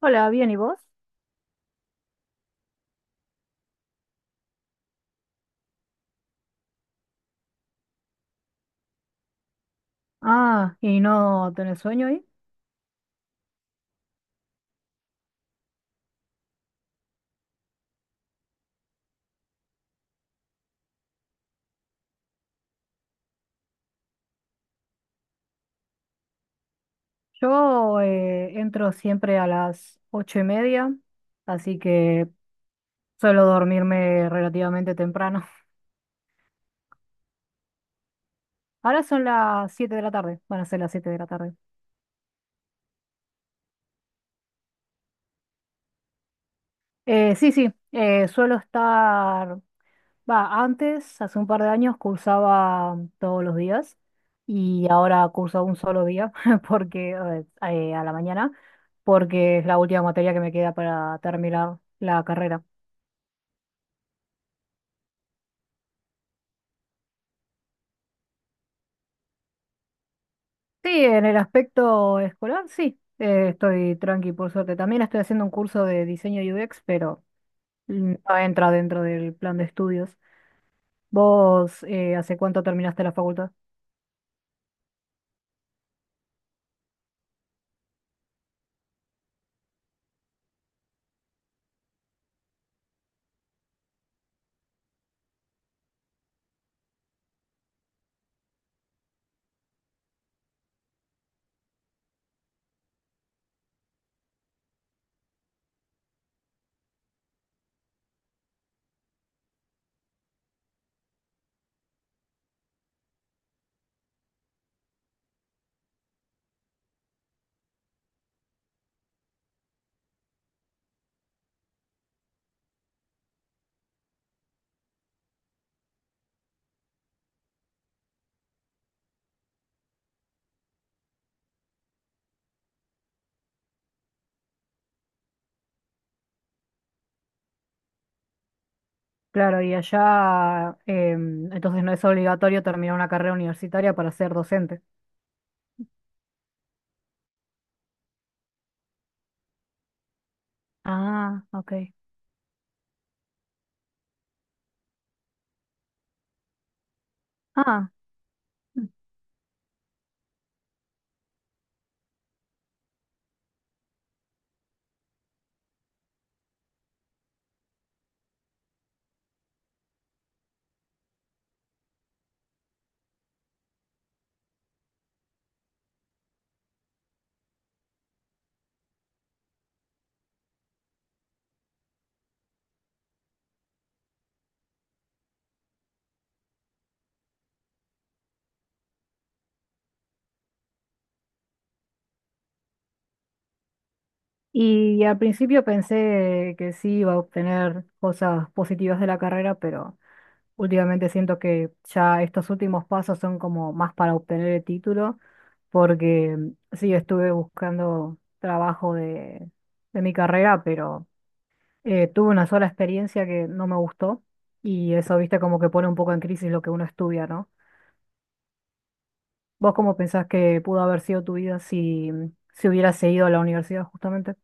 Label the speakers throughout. Speaker 1: Hola, bien, ¿y vos? Ah, ¿y no tenés sueño ahí? Yo entro siempre a las 8:30, así que suelo dormirme relativamente temprano. Ahora son las 7 de la tarde, van a ser las 7 de la tarde. Sí, sí, suelo estar, va, antes, hace un par de años, cursaba todos los días y ahora curso un solo día porque a la mañana, porque es la última materia que me queda para terminar la carrera. Sí, en el aspecto escolar, sí, estoy tranqui, por suerte. También estoy haciendo un curso de diseño UX, pero no entra dentro del plan de estudios. ¿Vos hace cuánto terminaste la facultad? Claro, y allá, entonces no es obligatorio terminar una carrera universitaria para ser docente. Ah, ok. Ah, y al principio pensé que sí iba a obtener cosas positivas de la carrera, pero. Últimamente siento que ya estos últimos pasos son como más para obtener el título, porque sí, estuve buscando trabajo de mi carrera, pero tuve una sola experiencia que no me gustó y eso, viste, como que pone un poco en crisis lo que uno estudia, ¿no? ¿Vos cómo pensás que pudo haber sido tu vida si hubieras seguido a la universidad justamente?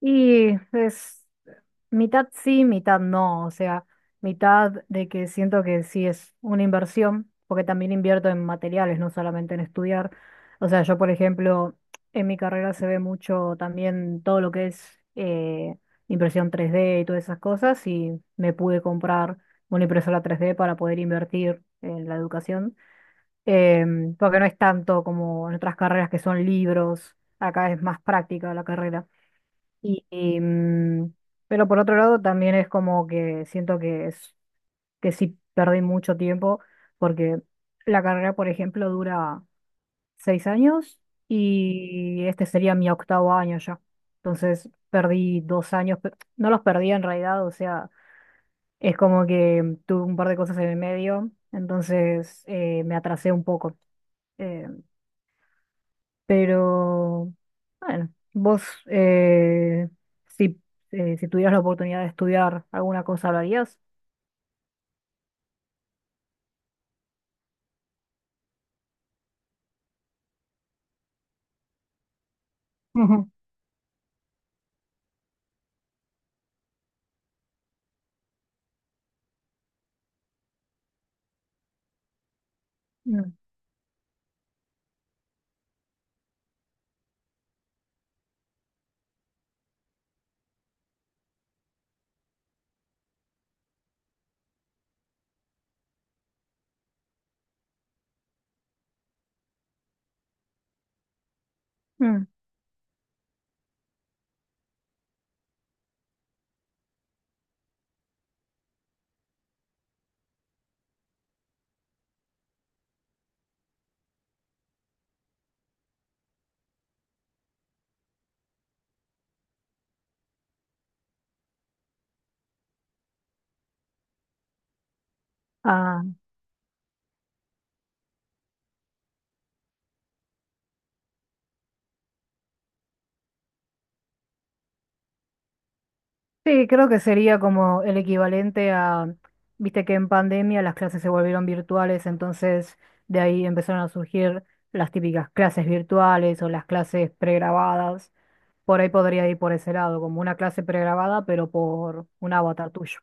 Speaker 1: Y es mitad sí, mitad no. O sea, mitad de que siento que sí es una inversión, porque también invierto en materiales, no solamente en estudiar. O sea, yo, por ejemplo, en mi carrera se ve mucho también todo lo que es impresión 3D y todas esas cosas, y me pude comprar una impresora 3D para poder invertir en la educación. Porque no es tanto como en otras carreras que son libros, acá es más práctica la carrera. Y, y, mm, pero por otro lado, también es como que siento que es que sí perdí mucho tiempo porque la carrera, por ejemplo, dura 6 años y este sería mi octavo año ya. Entonces perdí 2 años, no los perdí en realidad, o sea, es como que tuve un par de cosas en el medio, entonces me atrasé un poco. Eh, Pero, bueno, vos, si, si tuvieras la oportunidad de estudiar alguna cosa, ¿lo harías? Ujú. Mm, mm. Ah, sí, creo que sería como el equivalente a, viste que en pandemia las clases se volvieron virtuales, entonces de ahí empezaron a surgir las típicas clases virtuales o las clases pregrabadas. Por ahí podría ir por ese lado, como una clase pregrabada, pero por un avatar tuyo.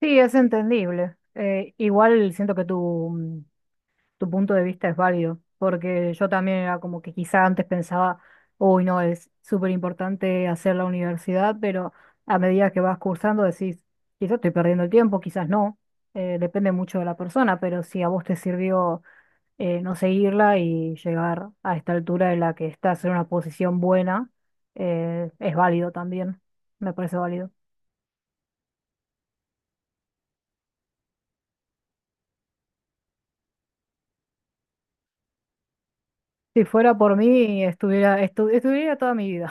Speaker 1: Sí, es entendible. Igual siento que tu punto de vista es válido, porque yo también era como que quizá antes pensaba, uy, no, es súper importante hacer la universidad, pero a medida que vas cursando decís, quizás estoy perdiendo el tiempo, quizás no, depende mucho de la persona, pero si a vos te sirvió no seguirla y llegar a esta altura en la que estás en una posición buena, es válido también, me parece válido. Si fuera por mí, estudiaría toda mi vida.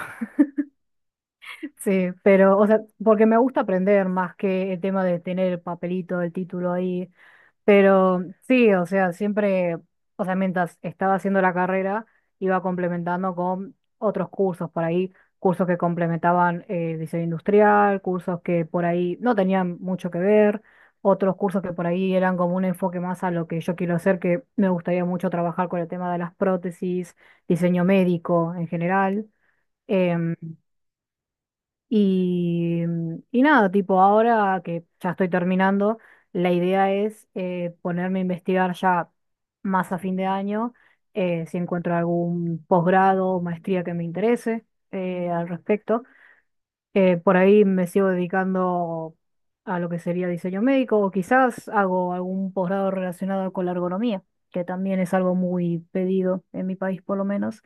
Speaker 1: Sí, pero, o sea, porque me gusta aprender más que el tema de tener el papelito, el título ahí. Pero sí, o sea, siempre, o sea, mientras estaba haciendo la carrera, iba complementando con otros cursos por ahí, cursos que complementaban diseño industrial, cursos que por ahí no tenían mucho que ver, otros cursos que por ahí eran como un enfoque más a lo que yo quiero hacer, que me gustaría mucho trabajar con el tema de las prótesis, diseño médico en general. em, y nada, tipo, ahora que ya estoy terminando, la idea es ponerme a investigar ya más a fin de año, si encuentro algún posgrado o maestría que me interese al respecto. Por ahí me sigo dedicando a lo que sería diseño médico o quizás hago algún posgrado relacionado con la ergonomía, que también es algo muy pedido en mi país por lo menos.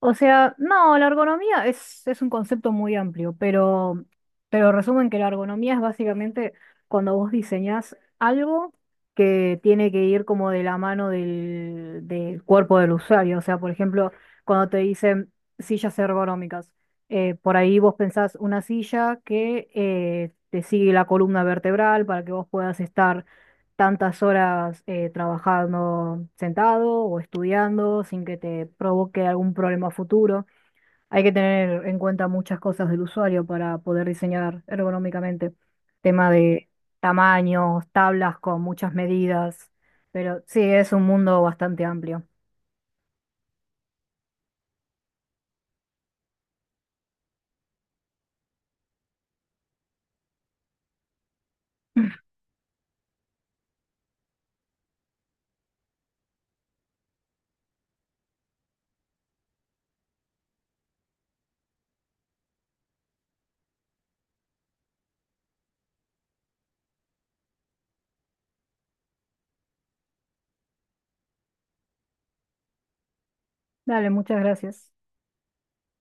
Speaker 1: O sea, no, la ergonomía es un concepto muy amplio, pero resumen que la ergonomía es básicamente cuando vos diseñás algo que tiene que ir como de la mano del cuerpo del usuario. O sea, por ejemplo, cuando te dicen sillas ergonómicas, por ahí vos pensás una silla que te sigue la columna vertebral para que vos puedas estar tantas horas trabajando sentado o estudiando sin que te provoque algún problema futuro. Hay que tener en cuenta muchas cosas del usuario para poder diseñar ergonómicamente. Tema de tamaños, tablas con muchas medidas, pero sí, es un mundo bastante amplio. Dale, muchas gracias.